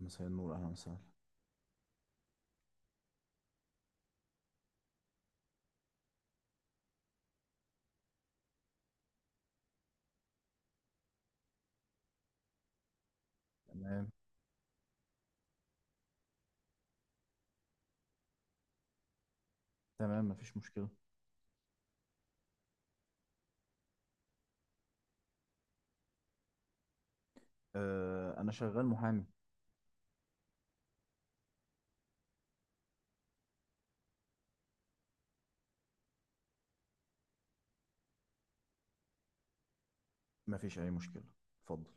مساء النور، اهلا وسهلا. تمام. تمام، مفيش مشكلة. أنا شغال محامي. مفيش اي مشكله، اتفضل.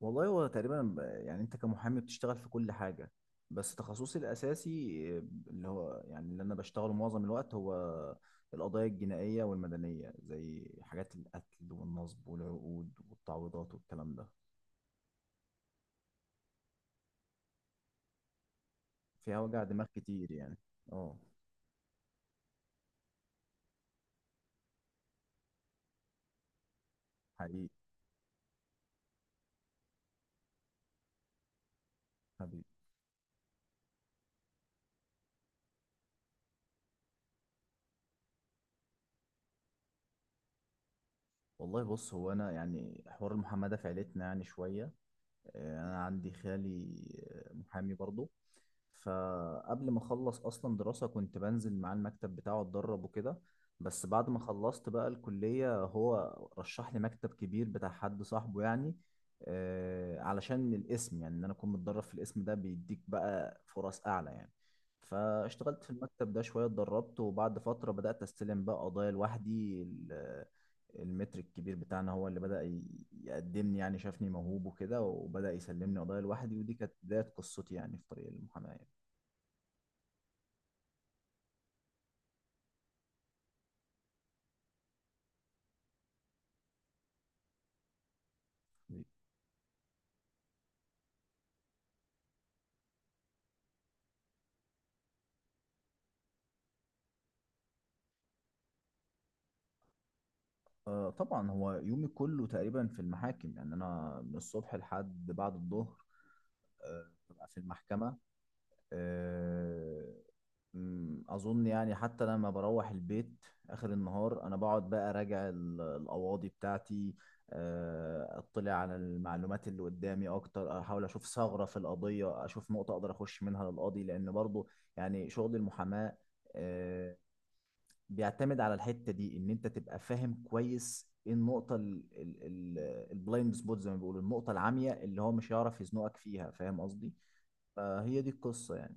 والله هو تقريبا يعني أنت كمحامي بتشتغل في كل حاجة، بس تخصصي الأساسي آه، اللي هو يعني اللي أنا بشتغله معظم الوقت هو القضايا الجنائية والمدنية، زي حاجات القتل والنصب والعقود والتعويضات والكلام ده. فيها وجع دماغ كتير يعني. اه. حقيقي. حبيبي. والله بص، هو أنا يعني حوار المحاماة ده في عيلتنا يعني شوية. انا عندي خالي محامي برضه. فقبل ما اخلص اصلا دراسة كنت بنزل معاه المكتب بتاعه اتدرب وكده. بس بعد ما خلصت بقى الكلية هو رشح لي مكتب كبير بتاع حد صاحبه يعني، علشان الاسم، يعني ان انا اكون متدرب في الاسم ده بيديك بقى فرص اعلى يعني. فاشتغلت في المكتب ده شوية، اتدربت، وبعد فترة بدأت استلم بقى قضايا لوحدي. المتر الكبير بتاعنا هو اللي بدأ يقدمني، يعني شافني موهوب وكده وبدأ يسلمني قضايا لوحدي، ودي كانت بداية قصتي يعني في طريق المحاماة يعني. طبعا هو يومي كله تقريبا في المحاكم، يعني أنا من الصبح لحد بعد الظهر ببقى في المحكمة. آه، اظن يعني حتى لما بروح البيت اخر النهار انا بقعد بقى اراجع القواضي بتاعتي، اطلع على المعلومات اللي قدامي اكتر، احاول اشوف ثغرة في القضية، اشوف نقطة اقدر اخش منها للقاضي، لان برضو يعني شغل المحاماة آه، بيعتمد على الحتة دي، ان انت تبقى فاهم كويس ايه النقطة، البلايند سبوت زي ما بيقولوا، النقطة العمياء اللي هو مش هيعرف يزنقك فيها، فاهم قصدي؟ فهي دي القصة يعني.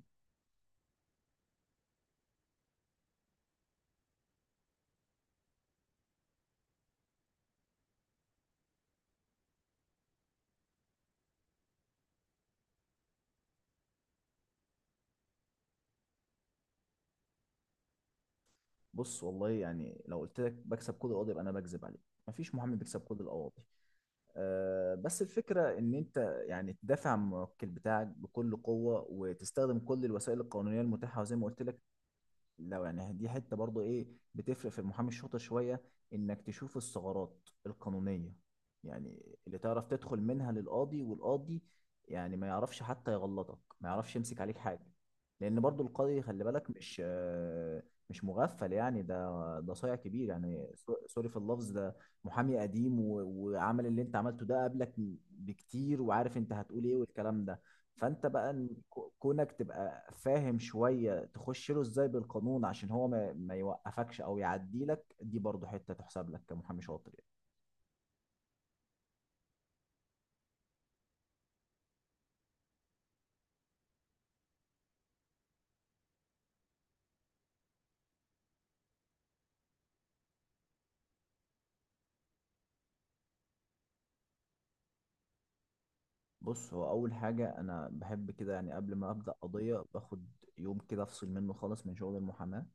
بص، والله يعني لو قلت لك بكسب كود القاضي يبقى انا بكذب عليك، مفيش محامي بيكسب كود القواضي. بس الفكره ان انت يعني تدافع عن الموكل بتاعك بكل قوه وتستخدم كل الوسائل القانونيه المتاحه. وزي ما قلت لك، لو يعني دي حتة برضو ايه، بتفرق في المحامي الشاطر شوية، انك تشوف الثغرات القانونية، يعني اللي تعرف تدخل منها للقاضي، والقاضي يعني ما يعرفش حتى يغلطك، ما يعرفش يمسك عليك حاجة. لان برضو القاضي خلي بالك، مش مش مغفل يعني، ده صايع كبير يعني، سوري في اللفظ ده، محامي قديم وعمل اللي انت عملته ده قبلك بكتير، وعارف انت هتقول ايه والكلام ده. فانت بقى إن كونك تبقى فاهم شوية تخش له ازاي بالقانون عشان هو ما يوقفكش او يعديلك، دي برضو حتة تحسب لك كمحامي شاطر يعني. بص، هو اول حاجة انا بحب كده يعني، قبل ما ابدأ قضية باخد يوم كده افصل منه خالص من شغل المحاماة،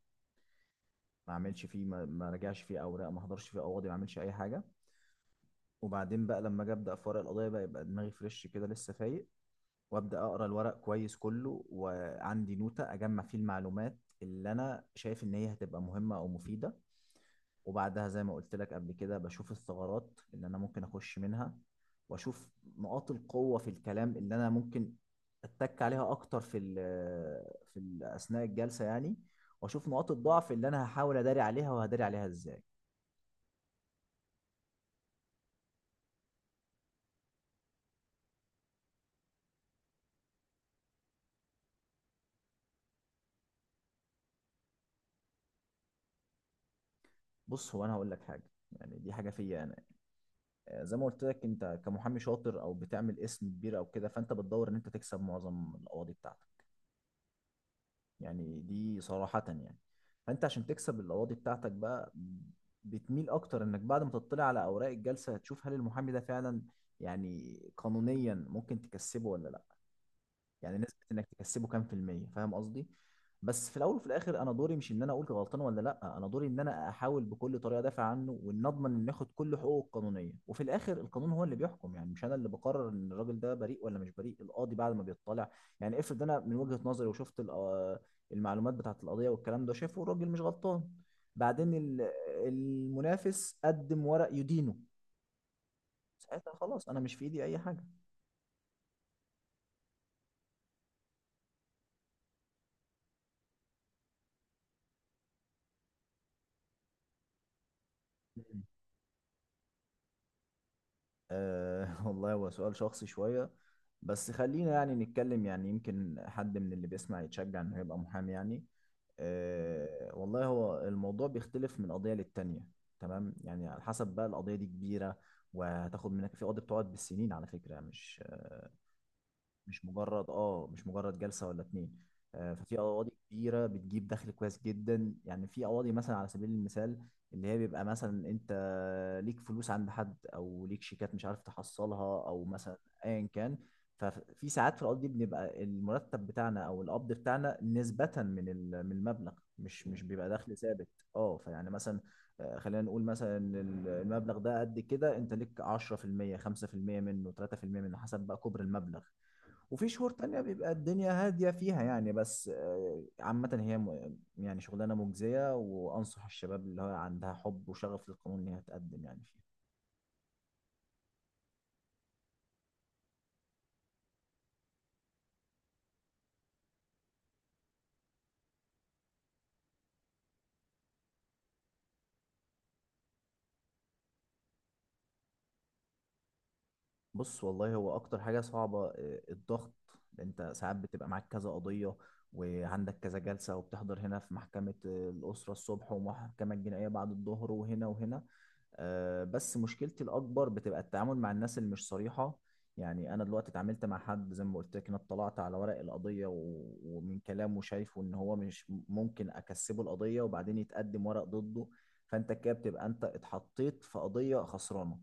ما اعملش فيه، ما راجعش فيه اوراق، ما احضرش فيه قواضي، ما اعملش اي حاجة. وبعدين بقى لما اجي ابدا في ورق القضيه بقى يبقى دماغي فريش كده، لسه فايق. وابدا اقرا الورق كويس كله، وعندي نوتة اجمع فيه المعلومات اللي انا شايف ان هي هتبقى مهمة او مفيدة. وبعدها زي ما قلت لك قبل كده بشوف الثغرات اللي انا ممكن اخش منها، واشوف نقاط القوة في الكلام اللي انا ممكن اتك عليها اكتر في ال اثناء الجلسة يعني، واشوف نقاط الضعف اللي انا هحاول اداري عليها، وهداري عليها ازاي. بص، هو انا هقول لك حاجة، يعني دي حاجة فيا انا. زي ما قلت لك، انت كمحامي شاطر او بتعمل اسم كبير او كده، فانت بتدور ان انت تكسب معظم القواضي بتاعتك، يعني دي صراحة يعني. فانت عشان تكسب القواضي بتاعتك بقى، بتميل اكتر انك بعد ما تطلع على اوراق الجلسة هتشوف هل المحامي ده فعلا يعني قانونيا ممكن تكسبه ولا لا، يعني نسبة انك تكسبه كام في المية، فاهم قصدي؟ بس في الاول وفي الاخر، انا دوري مش ان انا اقول غلطان ولا لا، انا دوري ان انا احاول بكل طريقة ادافع عنه، وان اضمن ان ياخد كل حقوقه القانونية، وفي الاخر القانون هو اللي بيحكم يعني، مش انا اللي بقرر ان الراجل ده بريء ولا مش بريء. القاضي بعد ما بيطلع، يعني افرض انا من وجهة نظري وشفت المعلومات بتاعت القضية والكلام ده، شافه الراجل مش غلطان، بعدين المنافس قدم ورق يدينه، ساعتها خلاص انا مش في ايدي اي حاجة. والله هو سؤال شخصي شوية، بس خلينا يعني نتكلم، يعني يمكن حد من اللي بيسمع يتشجع انه يبقى محامي يعني. والله هو الموضوع بيختلف من قضية للتانية. تمام، يعني على حسب بقى، القضية دي كبيرة وهتاخد منك، في قضية بتقعد بالسنين على فكرة، مش مجرد اه مش مجرد جلسه ولا اتنين. ففي قواضي كبيره بتجيب دخل كويس جدا يعني. في قواضي مثلا، على سبيل المثال، اللي هي بيبقى مثلا انت ليك فلوس عند حد، او ليك شيكات مش عارف تحصلها، او مثلا ايا كان، ففي ساعات في القضية دي بنبقى المرتب بتاعنا او القبض بتاعنا نسبة من المبلغ، مش بيبقى دخل ثابت. اه فيعني مثلا، خلينا نقول مثلا المبلغ ده قد كده، انت ليك 10% 5% منه، 3% منه، حسب بقى كبر المبلغ. وفي شهور تانية بيبقى الدنيا هادية فيها يعني. بس عامة هي يعني شغلانة مجزية، وأنصح الشباب اللي هو عندها حب وشغف للقانون إن هي تقدم يعني فيها. بص، والله هو اكتر حاجة صعبة الضغط. انت ساعات بتبقى معاك كذا قضية وعندك كذا جلسة، وبتحضر هنا في محكمة الأسرة الصبح، ومحكمة الجنائية بعد الظهر، وهنا وهنا. بس مشكلتي الأكبر بتبقى التعامل مع الناس اللي مش صريحة. يعني أنا دلوقتي اتعاملت مع حد زي ما قلت لك، أنا اطلعت على ورق القضية ومن كلامه شايفه إن هو مش ممكن أكسبه القضية، وبعدين يتقدم ورق ضده، فأنت كده بتبقى أنت اتحطيت في قضية خسرانة.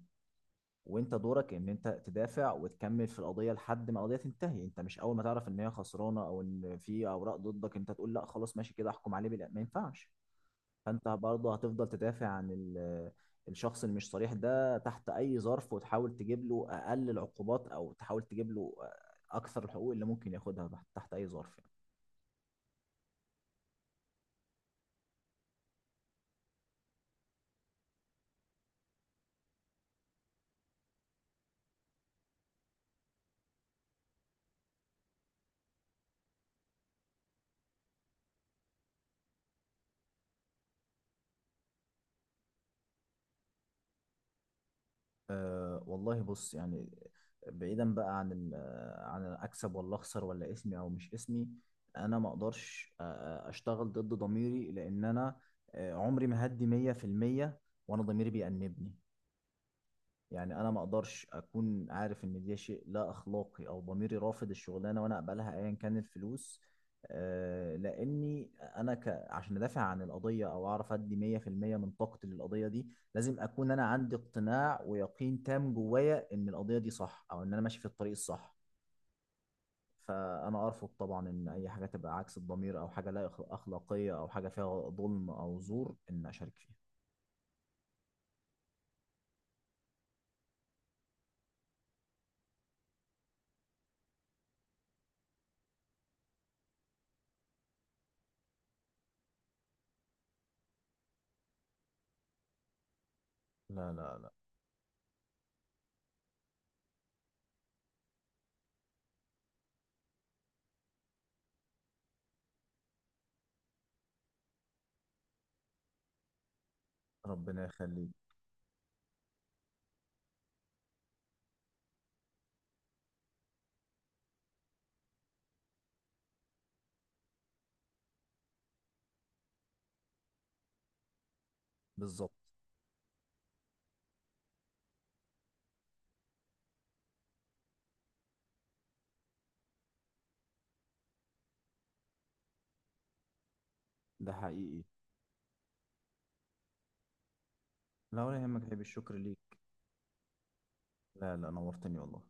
وانت دورك ان انت تدافع وتكمل في القضيه لحد ما القضيه تنتهي، انت مش اول ما تعرف ان هي خسرانه او ان في اوراق ضدك انت تقول لا خلاص ماشي كده احكم عليه بالإعدام. ما ينفعش. فانت برضه هتفضل تدافع عن الشخص اللي مش صريح ده تحت اي ظرف، وتحاول تجيب له اقل العقوبات، او تحاول تجيب له اكثر الحقوق اللي ممكن ياخدها تحت تحت اي ظرف. والله بص يعني، بعيدا بقى عن عن اكسب ولا اخسر ولا اسمي او مش اسمي، انا ما اقدرش اشتغل ضد ضميري، لان انا عمري ما هدي 100% وانا ضميري بيأنبني. يعني انا ما اقدرش اكون عارف ان ده شيء لا اخلاقي او ضميري رافض الشغلانه وانا اقبلها ايا كان الفلوس، لاني انا عشان ادافع عن القضيه او اعرف ادي 100% من طاقتي للقضيه دي، لازم اكون انا عندي اقتناع ويقين تام جوايا ان القضيه دي صح، او ان انا ماشي في الطريق الصح. فانا ارفض طبعا ان اي حاجه تبقى عكس الضمير، او حاجه لا اخلاقيه، او حاجه فيها ظلم او زور ان اشارك فيها. لا، لا، لا. ربنا يخليك. بالظبط. ده حقيقي. لا، ولا يهمك، عيب، الشكر ليك. لا، لا، نورتني والله.